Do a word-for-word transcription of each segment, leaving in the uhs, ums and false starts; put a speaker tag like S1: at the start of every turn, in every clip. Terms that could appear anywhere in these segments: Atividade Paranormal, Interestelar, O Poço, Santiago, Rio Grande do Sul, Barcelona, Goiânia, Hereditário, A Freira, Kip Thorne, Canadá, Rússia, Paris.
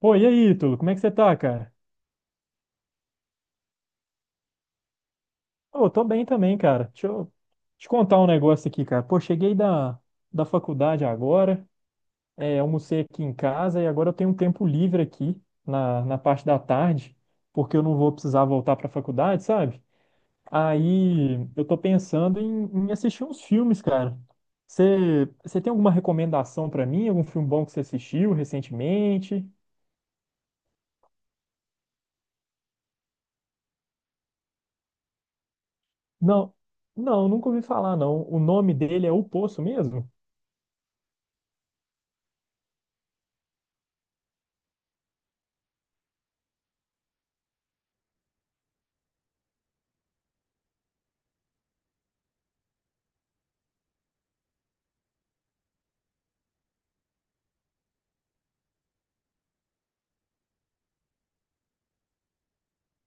S1: Pô, e aí, Ítalo, como é que você tá, cara? Ô, tô bem também, cara. Deixa eu te contar um negócio aqui, cara. Pô, cheguei da, da faculdade agora, é, almocei aqui em casa e agora eu tenho um tempo livre aqui na, na parte da tarde, porque eu não vou precisar voltar pra faculdade, sabe? Aí eu tô pensando em, em assistir uns filmes, cara. Você você tem alguma recomendação pra mim? Algum filme bom que você assistiu recentemente? Não, não, nunca ouvi falar, não. O nome dele é O Poço mesmo?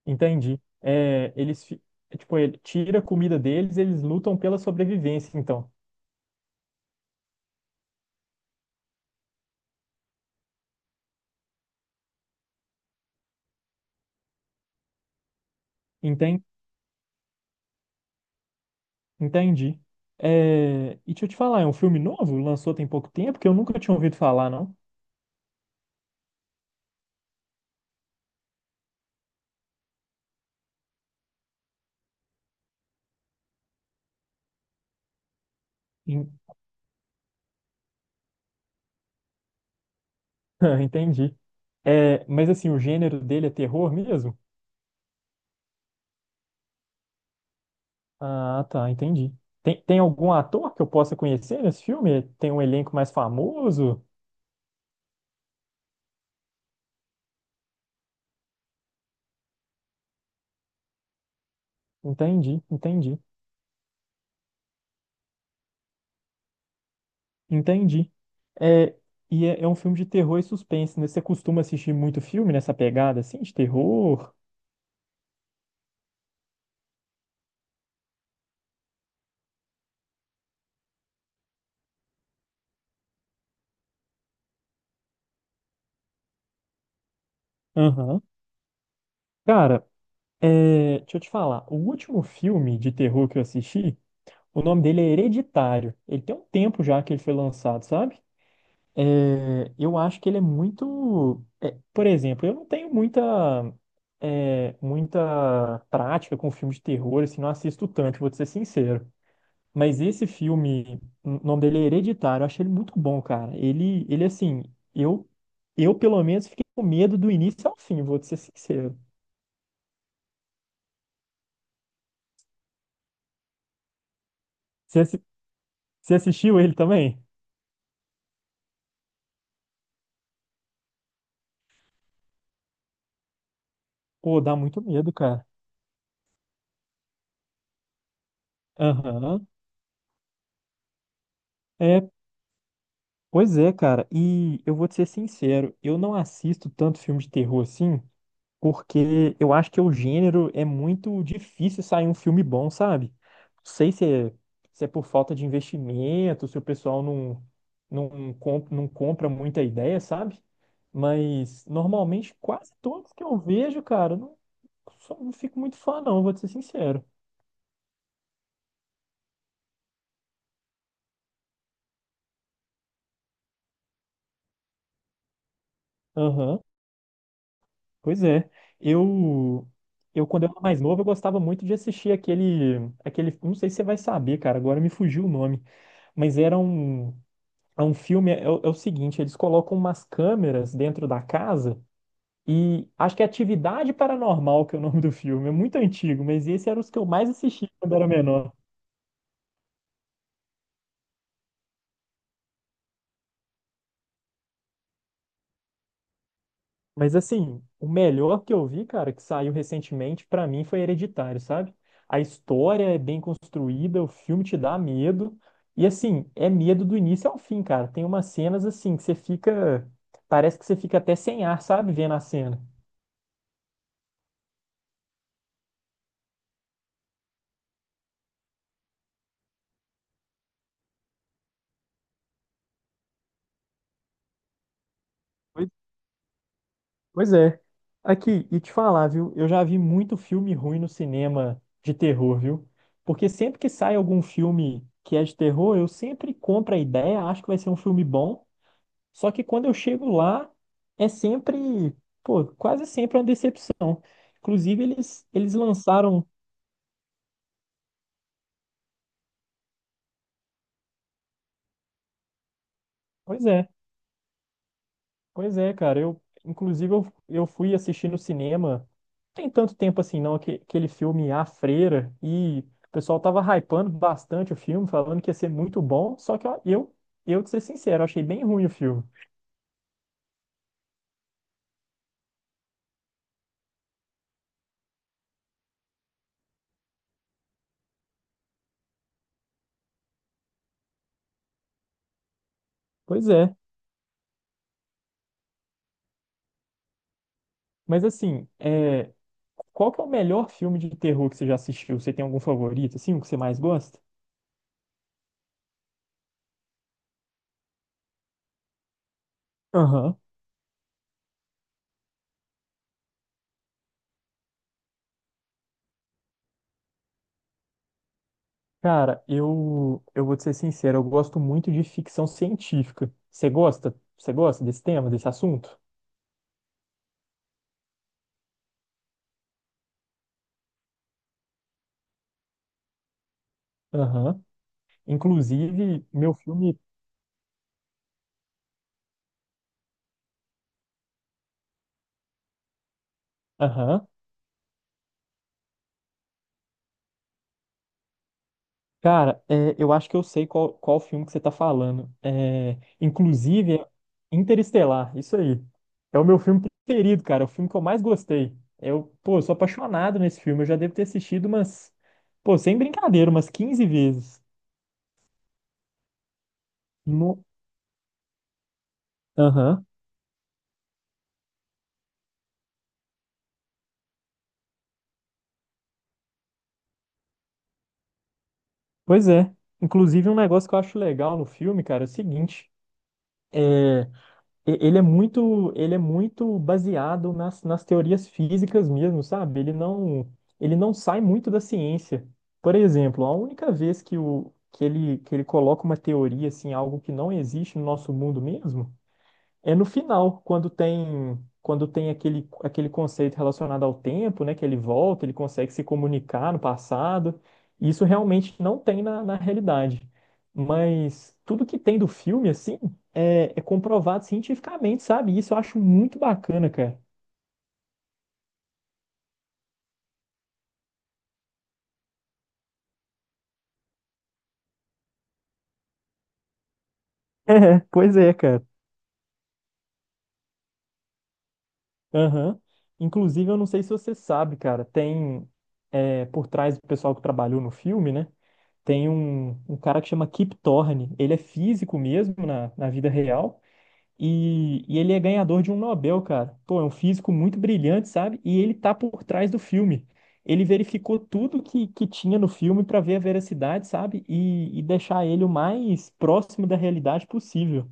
S1: Entendi. É, eles, fi- é, tipo, ele tira a comida deles, eles lutam pela sobrevivência, então. Enten- Entendi. É, e deixa eu te falar, é um filme novo? Lançou tem pouco tempo, que eu nunca tinha ouvido falar, não. En- Entendi. É, mas assim, o gênero dele é terror mesmo? Ah, tá, entendi. Tem, tem algum ator que eu possa conhecer nesse filme? Tem um elenco mais famoso? Entendi, entendi. Entendi. É, e é, é um filme de terror e suspense, né? Você costuma assistir muito filme nessa pegada, assim, de terror? Aham. Cara, é, deixa eu te falar. O último filme de terror que eu assisti, o nome dele é Hereditário. Ele tem um tempo já que ele foi lançado, sabe? É, eu acho que ele é muito. É, por exemplo, eu não tenho muita, é, muita prática com filme de terror, assim, não assisto tanto, vou te ser sincero. Mas esse filme, o nome dele é Hereditário, eu achei ele muito bom, cara. Ele, ele assim, eu, eu pelo menos fiquei com medo do início ao fim, vou te ser sincero. Você, assi- Você assistiu ele também? Pô, dá muito medo, cara. Aham. É, pois é, cara. E eu vou te ser sincero, eu não assisto tanto filme de terror assim, porque eu acho que o gênero é muito difícil sair um filme bom, sabe? Não sei se é, se é por falta de investimento, se o pessoal não, não, comp- não compra muita ideia, sabe? Mas normalmente quase todos que eu vejo, cara, não, só não fico muito fã, não, vou te ser sincero. Aham, pois é. Eu, eu, quando eu era mais novo, eu gostava muito de assistir aquele, aquele. Não sei se você vai saber, cara, agora me fugiu o nome. Mas era um. É um filme, é, é o é o seguinte, eles colocam umas câmeras dentro da casa e acho que é Atividade Paranormal, que é o nome do filme, é muito antigo, mas esse era os que eu mais assisti quando era menor. Mas assim, o melhor que eu vi, cara, que saiu recentemente, pra mim foi Hereditário, sabe? A história é bem construída, o filme te dá medo, e assim, é medo do início ao fim, cara. Tem umas cenas assim que você fica, parece que você fica até sem ar, sabe, vendo a cena. Pois é. Aqui, e te falar, viu? Eu já vi muito filme ruim no cinema de terror, viu? Porque sempre que sai algum filme que é de terror, eu sempre compro a ideia, acho que vai ser um filme bom. Só que quando eu chego lá, é sempre, pô, quase sempre uma decepção. Inclusive, eles, eles lançaram. Pois é. Pois é, cara. Eu, inclusive, eu, eu fui assistir no cinema. Tem tanto tempo assim, não, aque- aquele filme A Freira. E o pessoal tava hypando bastante o filme, falando que ia ser muito bom. Só que ó, eu, eu, de ser sincero, achei bem ruim o filme. Pois é. Mas assim, é, qual que é o melhor filme de terror que você já assistiu? Você tem algum favorito, assim, o que você mais gosta? Aham. Cara, eu, eu vou te ser sincero, eu gosto muito de ficção científica. Você gosta? Você gosta desse tema, desse assunto? Aham. Inclusive, meu filme. Aham. Cara, é, eu acho que eu sei qual, qual filme que você tá falando. É, inclusive, é Interestelar, isso aí. É o meu filme preferido, cara. É o filme que eu mais gostei. Eu, pô, eu sou apaixonado nesse filme. Eu já devo ter assistido umas. Pô, sem brincadeira, umas quinze vezes. No... Aham. Pois é. Inclusive, um negócio que eu acho legal no filme, cara, é o seguinte. é, e- ele é muito, ele é muito baseado nas, nas teorias físicas mesmo, sabe? Ele não, ele não sai muito da ciência. Por exemplo, a única vez que, o, que ele, que ele coloca uma teoria, assim, algo que não existe no nosso mundo mesmo, é no final, quando tem quando tem aquele, aquele conceito relacionado ao tempo, né, que ele volta, ele consegue se comunicar no passado. Isso realmente não tem na, na realidade. Mas tudo que tem do filme, assim, é, é comprovado cientificamente, sabe? Isso eu acho muito bacana, cara. É, pois é, cara. Aham. Inclusive, eu não sei se você sabe, cara, tem é, por trás do pessoal que trabalhou no filme, né? Tem um, um cara que chama Kip Thorne. Ele é físico mesmo na, na vida real. E, e ele é ganhador de um Nobel, cara. Pô, é um físico muito brilhante, sabe? E ele tá por trás do filme. Ele verificou tudo que, que tinha no filme para ver a veracidade, sabe? E, e deixar ele o mais próximo da realidade possível.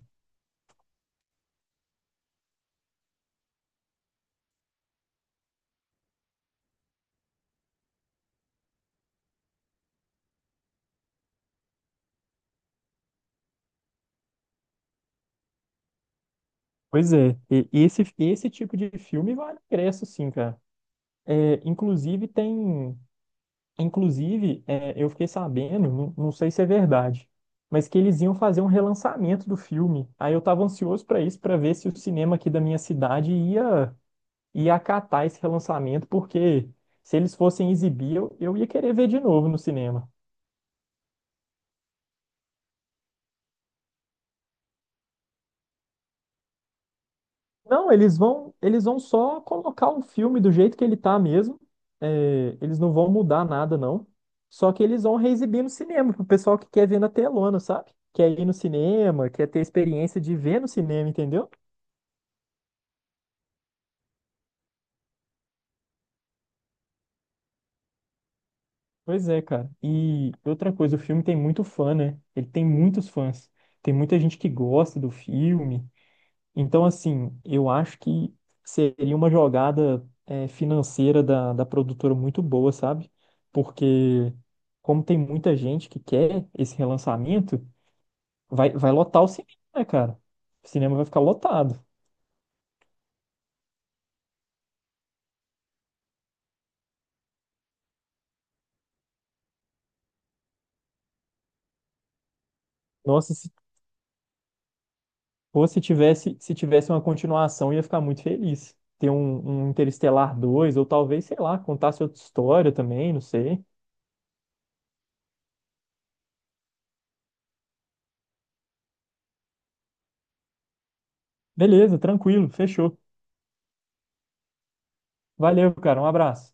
S1: Pois é, e- esse, esse tipo de filme vale ingresso, sim, cara. É, inclusive tem. Inclusive, é, eu fiquei sabendo, não, não sei se é verdade, mas que eles iam fazer um relançamento do filme. Aí eu estava ansioso para isso, para ver se o cinema aqui da minha cidade ia, ia acatar esse relançamento, porque se eles fossem exibir, eu, eu ia querer ver de novo no cinema. Não, eles vão, eles vão só colocar o filme do jeito que ele tá mesmo. É, eles não vão mudar nada, não. Só que eles vão reexibir no cinema, pro pessoal que quer ver na telona, sabe? Quer ir no cinema, quer ter a experiência de ver no cinema, entendeu? Pois é, cara. E outra coisa, o filme tem muito fã, né? Ele tem muitos fãs. Tem muita gente que gosta do filme. Então, assim, eu acho que seria uma jogada eh, financeira da, da produtora muito boa, sabe? Porque, como tem muita gente que quer esse relançamento, vai, vai lotar o cinema, né, cara? O cinema vai ficar lotado. Nossa, se fosse tivesse, se tivesse uma continuação, eu ia ficar muito feliz. Ter um, um Interestelar dois ou talvez, sei lá, contasse outra história também, não sei. Beleza, tranquilo, fechou. Valeu, cara, um abraço.